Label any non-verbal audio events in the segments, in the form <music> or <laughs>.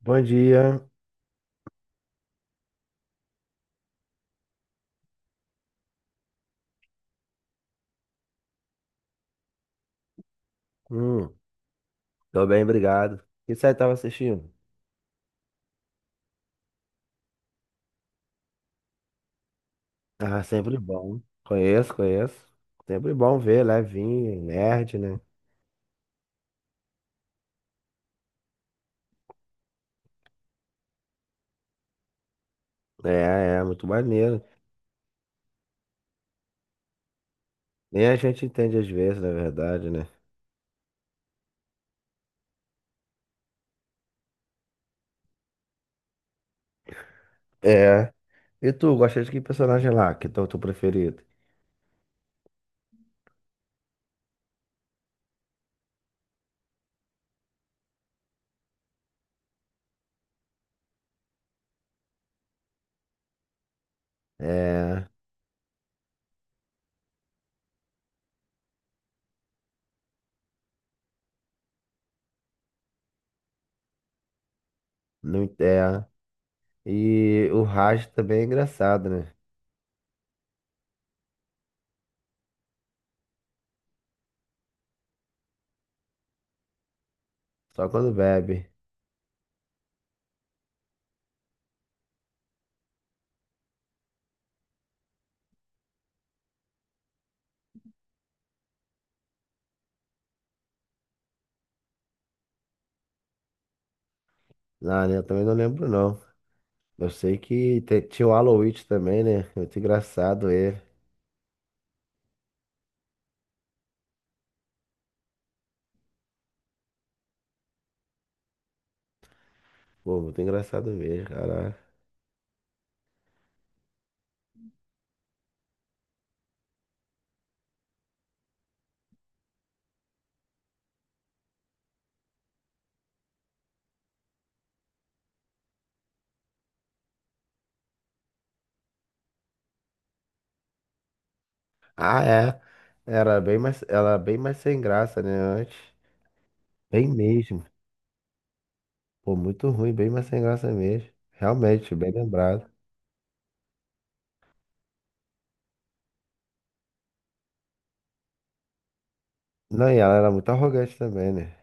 Bom dia. Hum, Tô bem, obrigado. O que você tava assistindo? Ah, sempre bom. Conheço, conheço. Sempre bom ver, levinho, nerd, né? É, é, muito maneiro. Nem a gente entende às vezes, na verdade, né? É. E tu, gosta de que personagem lá? Que é o teu preferido? É, não é. E o Raj também é engraçado, né? Só quando bebe. Ah, né? Eu também não lembro, não. Eu sei que tinha o Aloy também, né? Muito engraçado ele. Pô, muito engraçado mesmo, cara. Ah, é. Era bem mais sem graça, né, antes. Bem mesmo. Pô, muito ruim, bem mais sem graça mesmo. Realmente, bem lembrado. Não, e ela era muito arrogante também, né?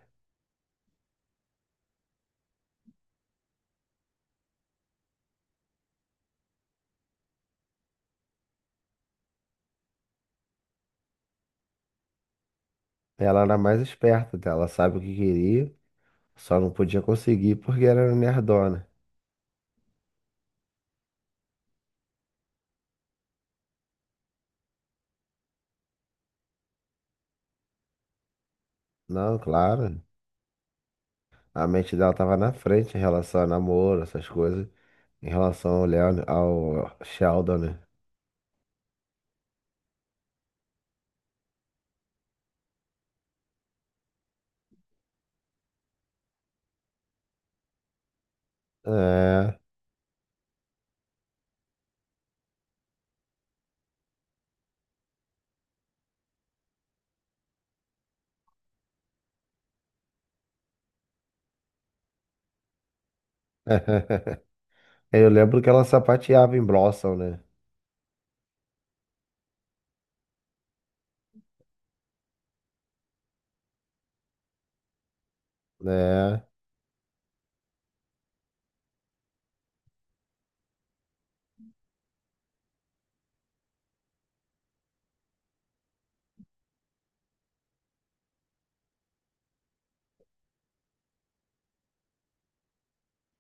Ela era mais esperta, tá? Ela sabe o que queria, só não podia conseguir porque era nerdona. Não, claro. A mente dela tava na frente em relação a namoro, essas coisas, em relação ao Leon, ao Sheldon, né? É. <laughs> É, eu lembro que ela sapateava em Blossom, né? Né?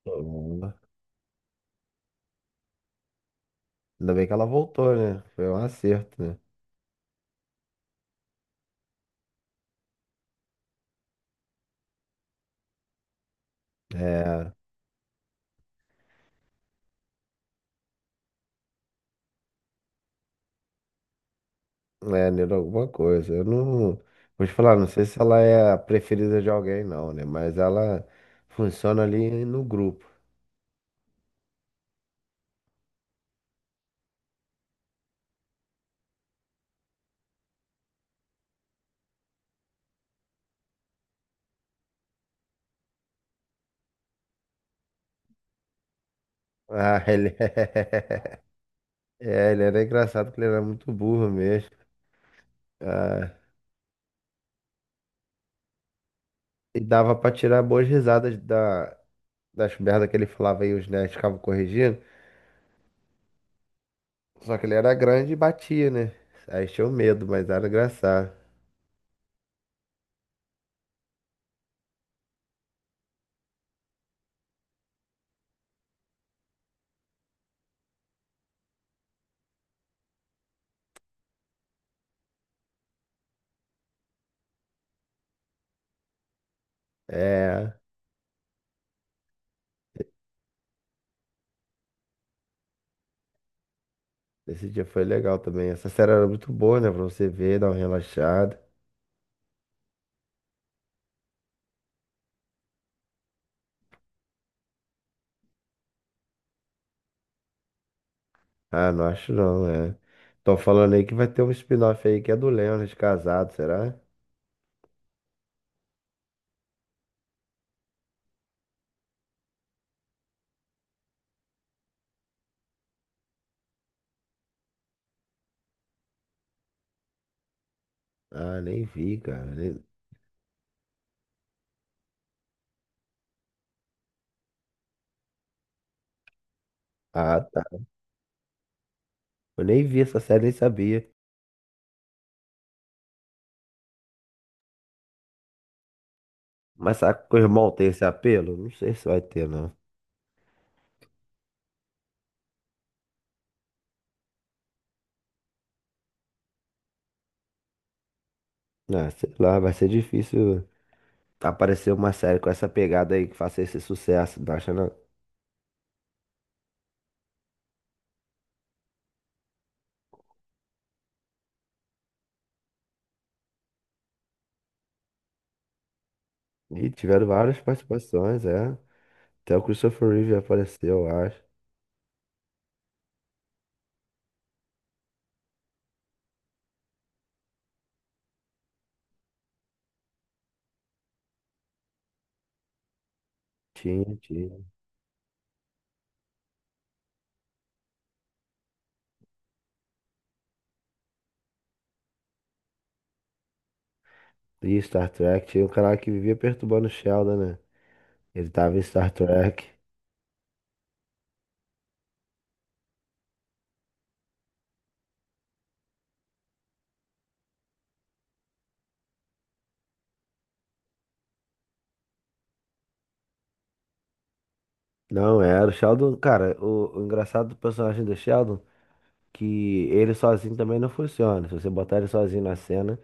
Uhum. Ainda bem que ela voltou, né? Foi um acerto, né? É, é, Nira, alguma coisa. Eu não. Vou te falar, não sei se ela é a preferida de alguém, não, né? Mas ela funciona ali no grupo. Ah, ele <laughs> é. Ele era engraçado porque ele era muito burro mesmo. Ah, e dava pra tirar boas risadas das merdas que ele falava e os nerds ficavam corrigindo. Só que ele era grande e batia, né? Aí tinha o medo, mas era engraçado. É, esse dia foi legal também. Essa série era muito boa, né? Pra você ver, dar uma relaxada. Ah, não acho não, é. Tô falando aí que vai ter um spin-off aí que é do Leonard casado, será? Ah, nem vi, cara. Ah, tá. Eu nem vi essa série, nem sabia. Mas será que o irmão tem esse apelo? Não sei se vai ter, não. Ah, sei lá, vai ser difícil aparecer uma série com essa pegada aí que faça esse sucesso, não acha não? E tiveram várias participações, é. Até o Christopher Reeve apareceu, eu acho. Tinha, tinha. E Star Trek, tinha um cara que vivia perturbando o Sheldon, né? Ele tava em Star Trek. Não era, o Sheldon, cara, o engraçado do personagem do Sheldon, que ele sozinho também não funciona. Se você botar ele sozinho na cena,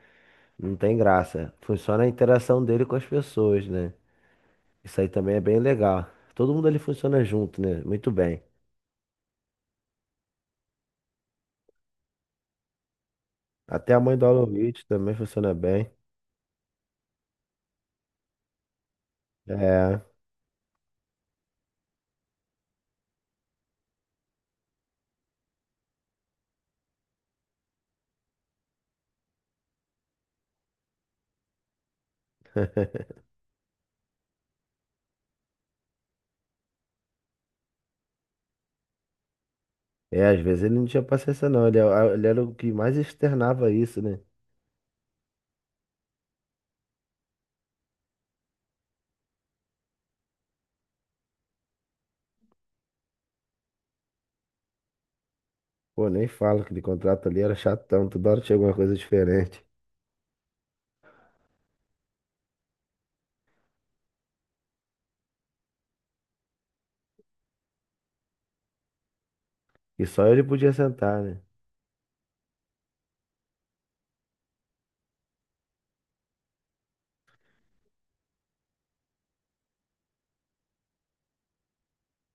não tem graça. Funciona a interação dele com as pessoas, né? Isso aí também é bem legal. Todo mundo ali funciona junto, né? Muito bem. Até a mãe do Alan Witch também funciona bem. É. <laughs> É, às vezes ele não tinha paciência não, ele, ele era o que mais externava isso, né? Pô, nem falo que de contrato ali era chatão, toda hora tinha alguma coisa diferente. E só ele podia sentar, né?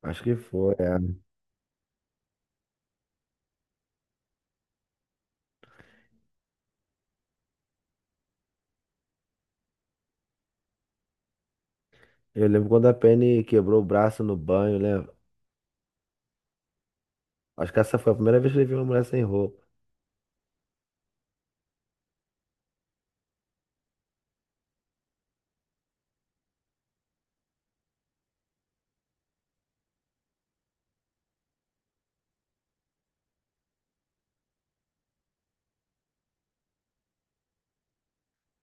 Acho que foi, é. Eu lembro quando a Penny quebrou o braço no banho, né? Acho que essa foi a primeira vez que ele viu uma mulher sem roupa.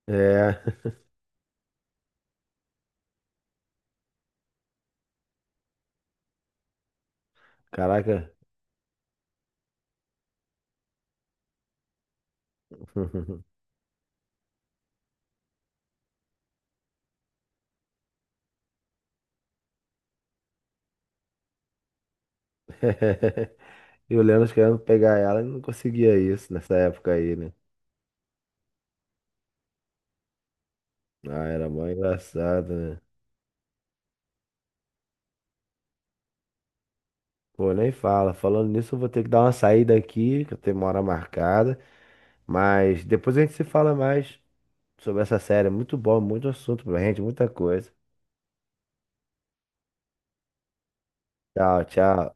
É, <laughs> caraca. <laughs> E o Leandro querendo pegar ela e não conseguia isso nessa época aí, né? Ah, era mó engraçado, né? Pô, nem fala. Falando nisso, eu vou ter que dar uma saída aqui, que eu tenho uma hora marcada. Mas depois a gente se fala mais sobre essa série. Muito bom, muito assunto pra gente, muita coisa. Tchau, tchau.